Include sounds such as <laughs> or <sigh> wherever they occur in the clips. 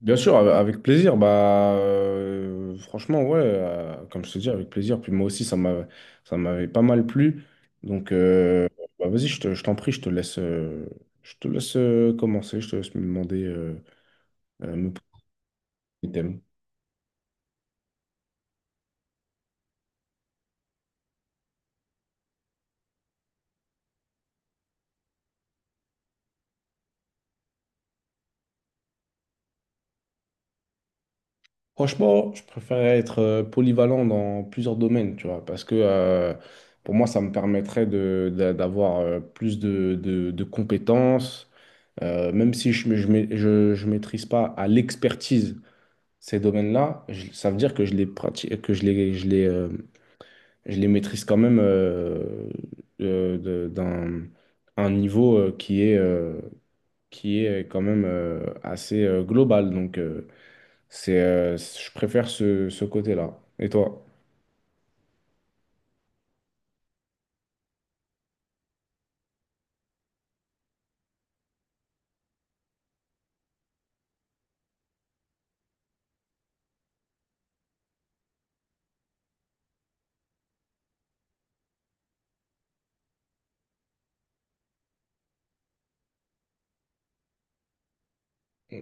Bien sûr, avec plaisir. Franchement, ouais, comme je te dis, avec plaisir. Puis moi aussi, ça m'avait pas mal plu. Donc, euh, Vas-y, je t'en prie, je te laisse commencer. Je te laisse me demander, me poser des thèmes. Franchement, je préférerais être polyvalent dans plusieurs domaines, tu vois, parce que pour moi, ça me permettrait d'avoir plus de compétences, même si je, ne je, ma- je maîtrise pas à l'expertise. Ces domaines-là, ça veut dire que je les pratique, que je les maîtrise quand même d'un un niveau qui est quand même assez global. Je préfère ce côté-là. Et toi?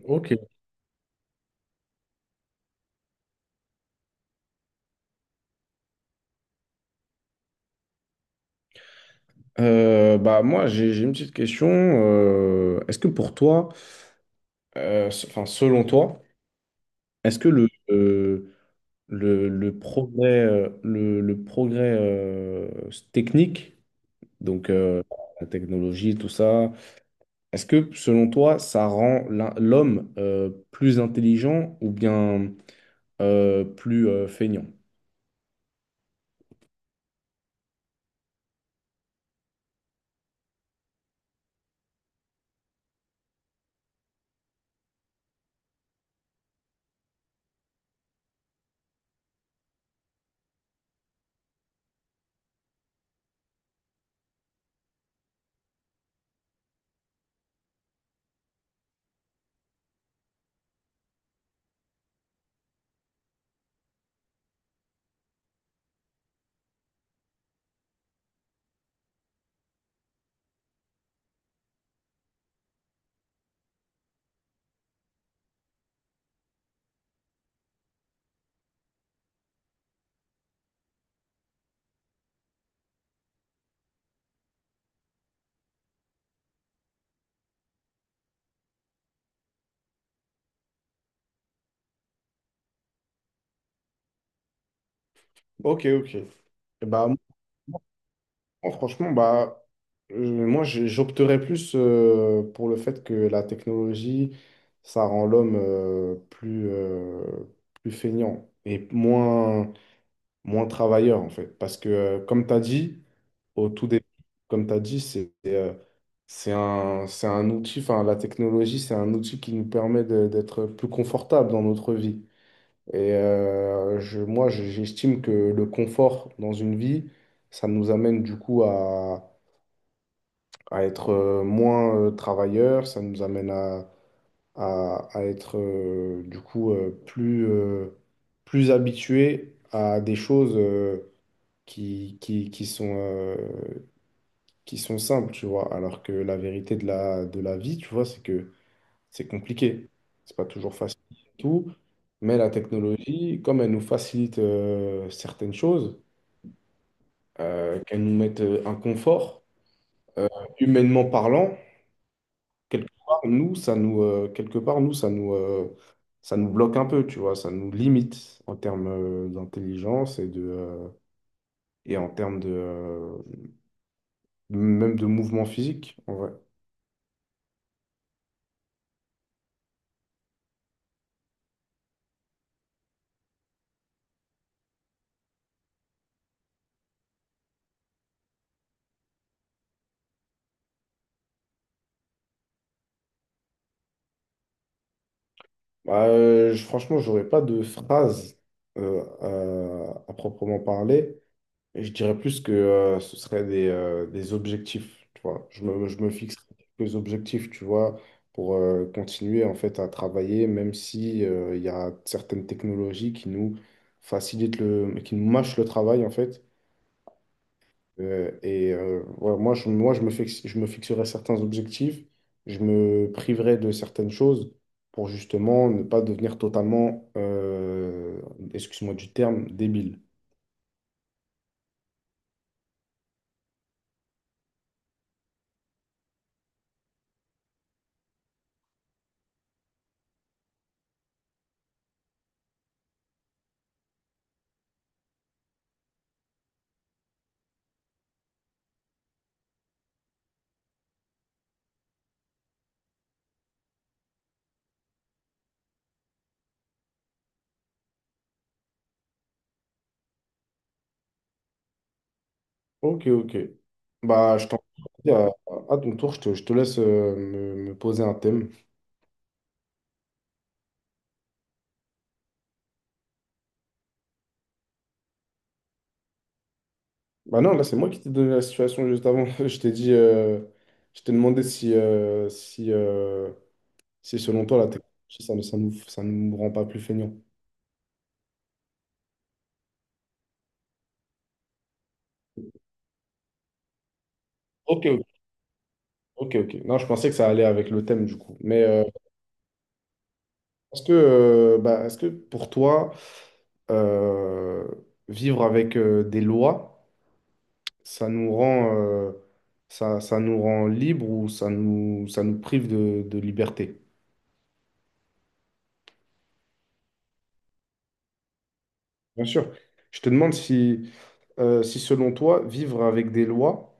Ok. Bah moi, j'ai une petite question. Est-ce que pour toi, enfin selon toi, est-ce que le progrès, le progrès technique, Donc, euh, la technologie, tout ça. Est-ce que, selon toi, ça rend l'homme plus intelligent ou bien plus feignant? Ok, ok. Et bah, moi, franchement, moi, j'opterais plus pour le fait que la technologie, ça rend l'homme plus feignant et moins travailleur, en fait. Parce que, comme tu as dit, au tout début, comme tu as dit, c'est un outil, enfin, la technologie, c'est un outil qui nous permet d'être plus confortable dans notre vie. Et moi, j'estime que le confort dans une vie, ça nous amène du coup à être moins travailleur, ça nous amène à être du coup plus habitué à des choses, qui, qui, qui sont, euh, qui sont simples, tu vois. Alors que la vérité de de la vie, tu vois, c'est que c'est compliqué. C'est pas toujours facile et tout. Mais la technologie, comme elle nous facilite certaines choses, qu'elle nous mette un confort, humainement parlant, quelque part, ça nous bloque un peu, tu vois. Ça nous limite en termes d'intelligence et en termes même de mouvement physique, en vrai. Bah, franchement, j'aurais pas de phrase euh, à proprement parler. Et je dirais plus que ce serait des objectifs, tu vois. Je me fixe quelques objectifs, tu vois, pour continuer en fait à travailler, même si il y a certaines technologies qui nous mâchent le travail en fait. Ouais, moi je me fixe, je me fixerai certains objectifs, je me priverai de certaines choses pour justement ne pas devenir totalement, excuse-moi du terme, débile. Ok, ok. Bah, je t'en prie, à ton tour, je te laisse me poser un thème. Bah non, là, c'est moi qui t'ai donné la situation juste avant. <laughs> Je t'ai dit, je t'ai demandé si selon toi, la technologie, ça, ne- ça nous rend pas plus feignants. Ok, ok. Ok, ok. Non, je pensais que ça allait avec le thème du coup. Mais est-ce que pour toi, euh, vivre avec des lois, ça nous rend, euh, ça nous rend libre ou ça nous prive de liberté? Bien sûr. Je te demande si selon toi, vivre avec des lois,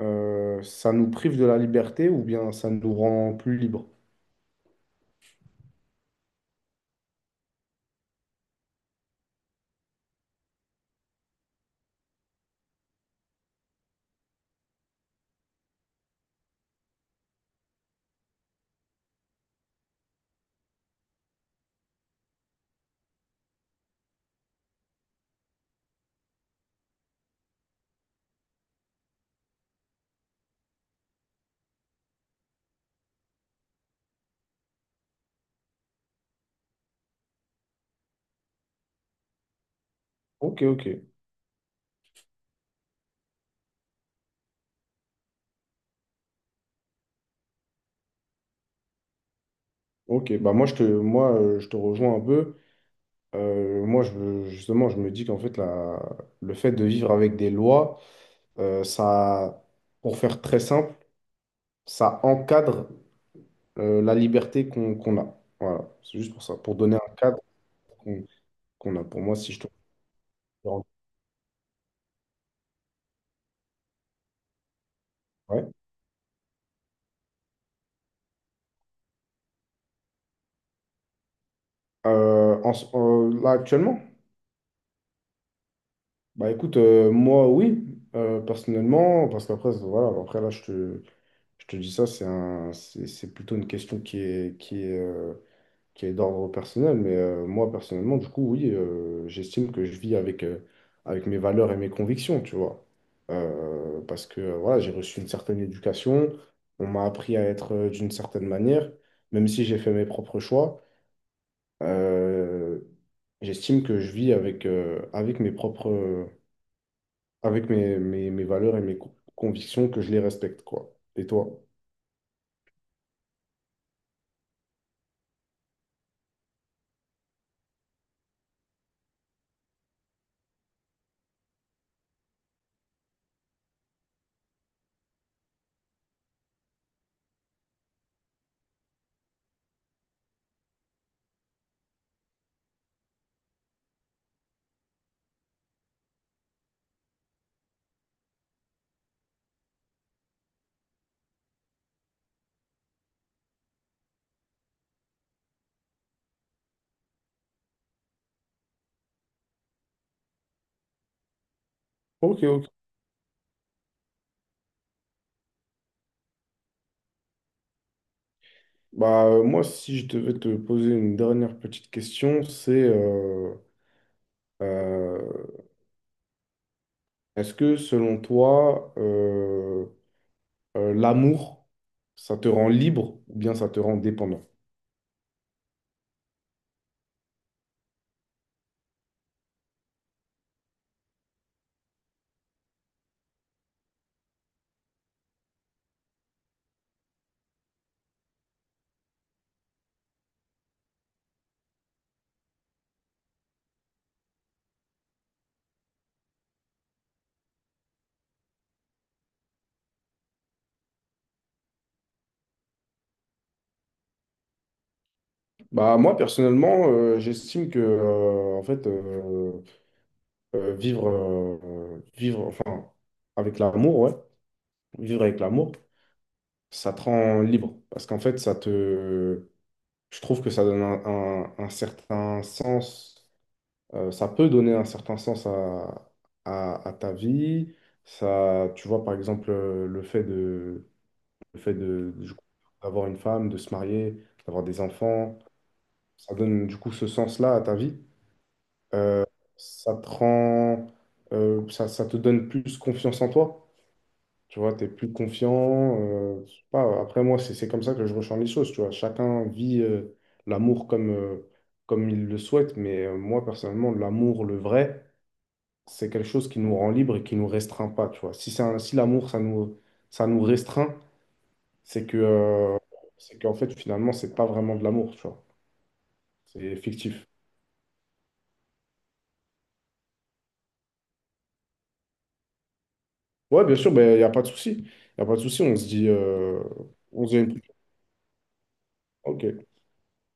ça nous prive de la liberté ou bien ça nous rend plus libre? Ok, ok. Ok, bah moi, je te rejoins un peu. Justement, je me dis qu'en fait, le fait de vivre avec des lois, euh, ça, pour faire très simple, ça encadre la liberté qu'on a. Voilà, c'est juste pour ça, pour donner un cadre qu'on qu'on a. Pour moi, si je te... Ouais. Là, actuellement, bah écoute, moi, oui, personnellement, parce qu'après, voilà, après, là, je te dis ça, c'est un, c'est plutôt une question qui est, qui est d'ordre personnel, mais moi personnellement, du coup, oui, j'estime que je vis avec, avec mes valeurs et mes convictions, tu vois. Parce que voilà, j'ai reçu une certaine éducation, on m'a appris à être d'une certaine manière, même si j'ai fait mes propres choix, euh, j'estime que je vis avec, avec mes propres, avec mes valeurs et mes convictions, que je les respecte, quoi. Et toi? Ok, ok. Bah, moi, si je devais te poser une dernière petite question, Euh, est-ce que selon toi, l'amour, ça te rend libre ou bien ça te rend dépendant? Bah, moi, personnellement, j'estime que en fait, vivre enfin, avec l'amour, ouais, vivre avec l'amour, ça te rend libre. Parce qu'en fait, je trouve que ça donne un certain sens. Ça peut donner un certain sens à ta vie. Ça, tu vois, par exemple, le fait de, du coup, d'avoir une femme, de se marier, d'avoir des enfants, ça donne du coup ce sens-là à ta vie. Ça te rend, Ça te donne plus confiance en toi. Tu vois, tu es plus confiant. Je sais pas, après, moi, c'est comme ça que je ressens les choses. Tu vois, chacun vit l'amour comme il le souhaite, mais moi, personnellement, l'amour, le vrai, c'est quelque chose qui nous rend libre et qui nous restreint pas, tu vois. Si si l'amour, ça nous restreint, c'est que, euh, c'est qu'en fait, finalement, c'est pas vraiment de l'amour, tu vois. C'est fictif. Ouais, bien sûr, ben, il n'y a pas de souci. Il n'y a pas de souci, on se dit... une... Ok.